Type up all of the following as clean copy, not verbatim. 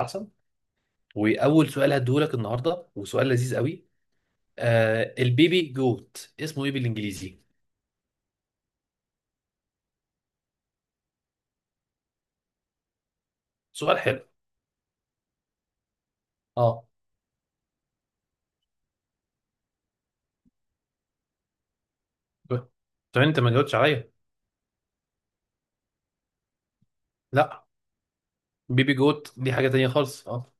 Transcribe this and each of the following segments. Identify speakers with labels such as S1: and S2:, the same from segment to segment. S1: احسن. واول سؤال هديهولك النهارده، وسؤال لذيذ قوي. البيبي جوت اسمه ايه بالانجليزي؟ سؤال حلو. اه طب انت ما جاوبتش عليا. لا. بيبي جوت دي حاجه تانية خالص. اه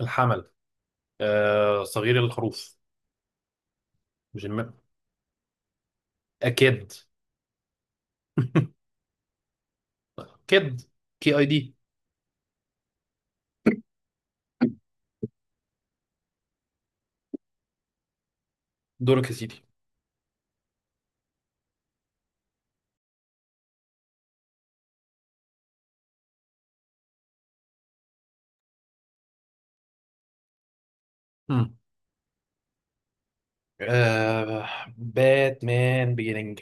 S1: الحمل. صغير الخروف. مش الم... اكيد. كيد. كي اي دي. دورك يا سيدي. مم. باتمان بيجيننج.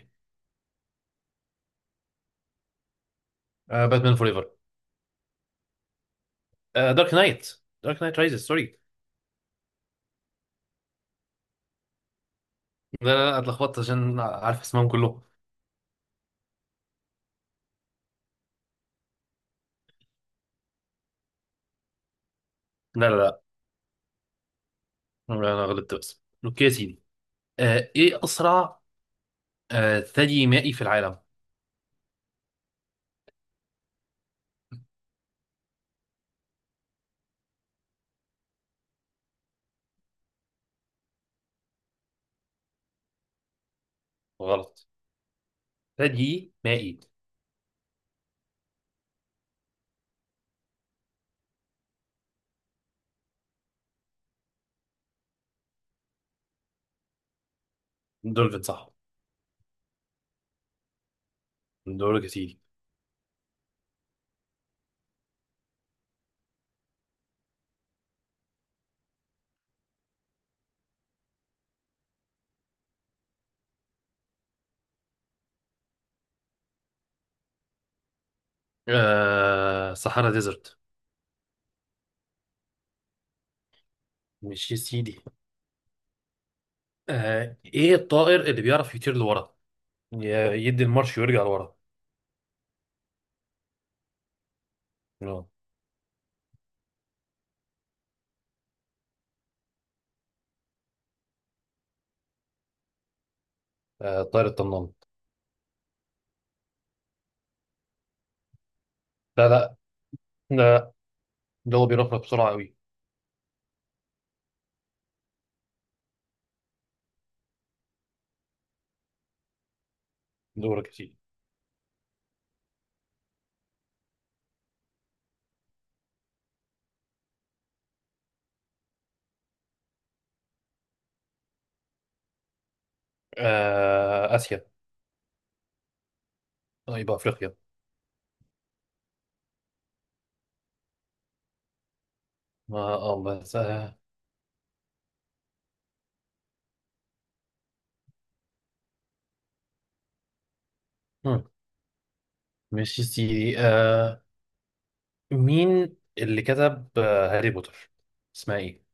S1: باتمان فور ايفر. دارك نايت. دارك نايت رايزز، سوري. لا لا لا، اتلخبطت عشان عارف اسمهم كلهم. لا لا لا. لا، انا غلطت بس. اوكي يا سيدي. ايه اسرع؟ ثدي مائي في العالم. غلط. ثدي مائي. دولفين صح. دورك يا سيدي. صحراء ديزرت. مش يا سيدي. ايه الطائر اللي بيعرف يطير لورا، يدي المارش ويرجع لورا؟ آه. الطائر الطنان. لا لا لا. ده هو بيرفرف بسرعة قوي. دورك يا سيدي. اسيا. طيب افريقيا. ما بس. آه. ماشي يا سيدي. مين اللي كتب هاري بوتر، اسمها ايه؟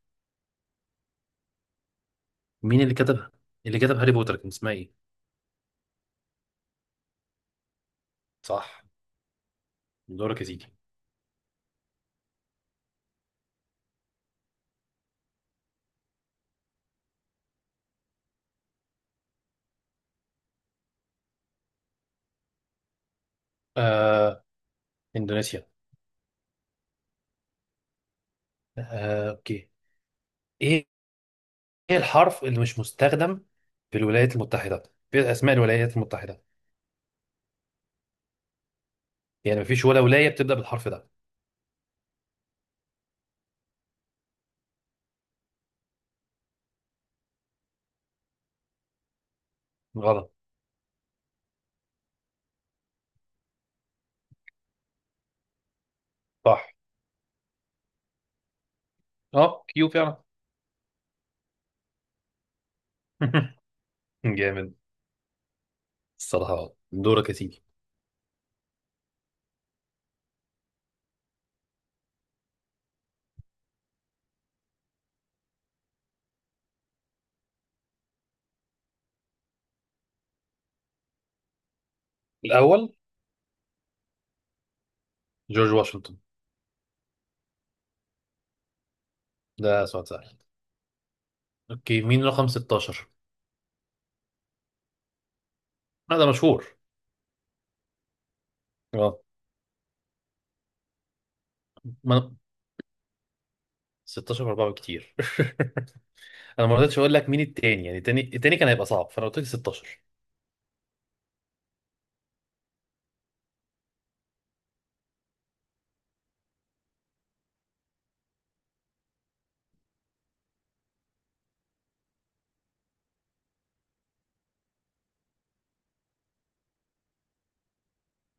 S1: مين اللي كتب، اللي كتب هاري بوتر كان اسمها ايه؟ صح. دورك يا سيدي. آه اندونيسيا. اوكي. ايه، إيه الحرف اللي مش مستخدم في الولايات المتحدة، في اسماء الولايات المتحدة؟ يعني مفيش ولا ولاية بتبدأ بالحرف ده. غلط. صح. اه كيو فعلا. جامد. الصراحة آه. دورك يا سيدي. الاول. جورج واشنطن. ده سؤال سهل. اوكي، مين رقم 16؟ هذا مشهور. اه. ما 16 4 بكتير. انا ما رضيتش اقول لك مين التاني، يعني التاني التاني كان هيبقى صعب، فانا قلت لك 16.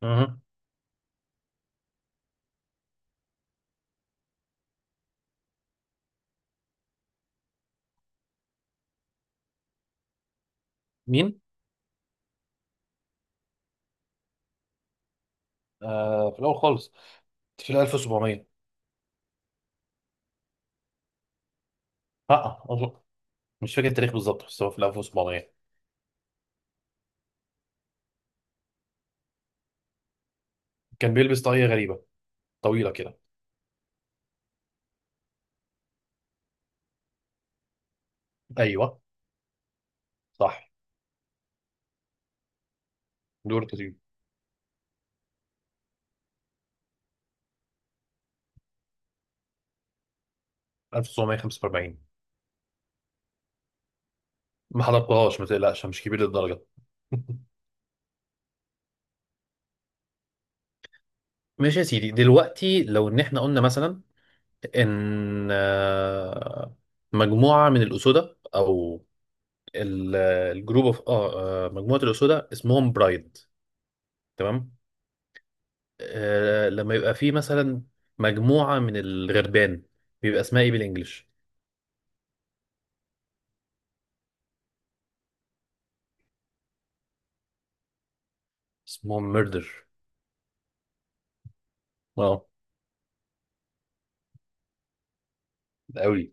S1: اها. مين؟ في الاول خالص، في ال 1700. اه أظن- مش فاكر التاريخ بالظبط بس هو في ال 1700. كان بيلبس طاقية غريبة طويلة كده. ايوه، صح. دور كتير. 1945. ما حضرتهاش، ما تقلقش، مش كبير للدرجة. ماشي يا سيدي. دلوقتي لو ان احنا قلنا مثلا ان مجموعة من الأسودة، او ال- الجروب اوف مجموعه الاسودة اسمهم برايد. تمام. لما يبقى في مثلا مجموعه من الغربان، بيبقى اسمها ايه بالانجلش؟ اسمهم ميردر. اه. ده قوي.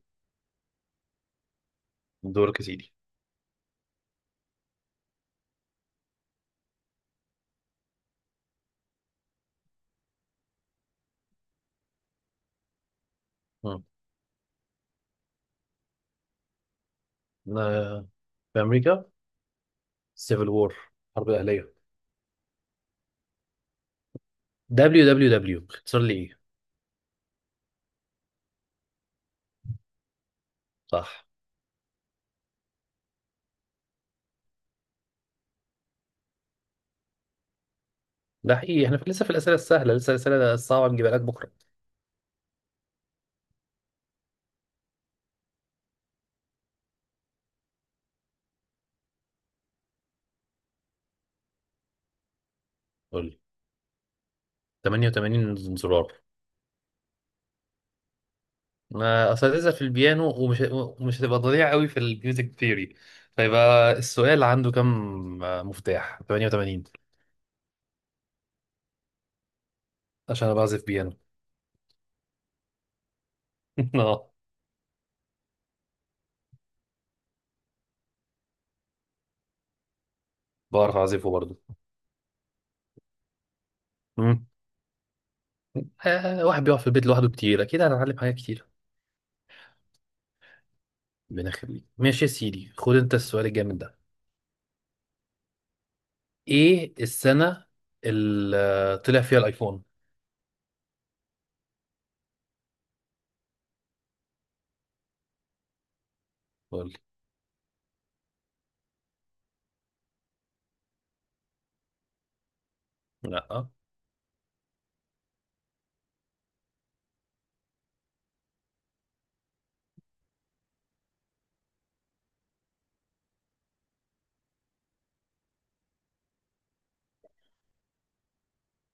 S1: دورك يا سيدي. مم. أنا في امريكا. سيفل وور، حرب اهليه. دبليو دبليو دبليو اختصار لي ايه؟ صح. ده حقيقي، احنا لسه في الاسئله السهله، لسه الاسئله الصعبه نجيبها لك بكره. قول لي. 88 زرار. ما اساتذه في البيانو، ومش هتبقى ضليع قوي في الميوزك ثيوري، فيبقى السؤال عنده كم مفتاح. 88. عشان انا بعزف بيانو. اه بعرف اعزفه برضه. مم. آه، واحد بيقعد في البيت لوحده كتير اكيد هنتعلم حاجات كتير. ربنا يخليك. ماشي يا سيدي، خد انت السؤال الجامد ده. ايه السنه اللي طلع فيها الايفون؟ قول لي. لا.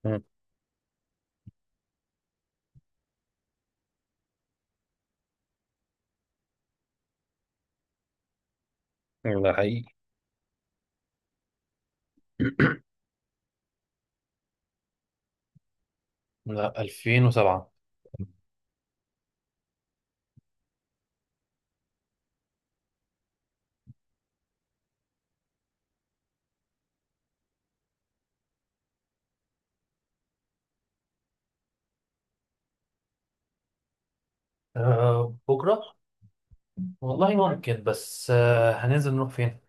S1: مم. لا حقيقي. لا 2007. بكرة. والله ممكن، بس هننزل نروح فين؟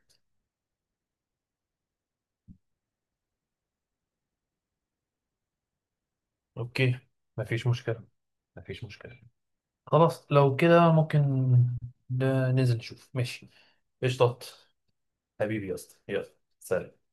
S1: اوكي. مفيش مشكلة، مفيش مشكلة. خلاص لو كده ممكن ننزل نشوف، ماشي. قشطات. حبيبي يا اسطى، يلا. سلام.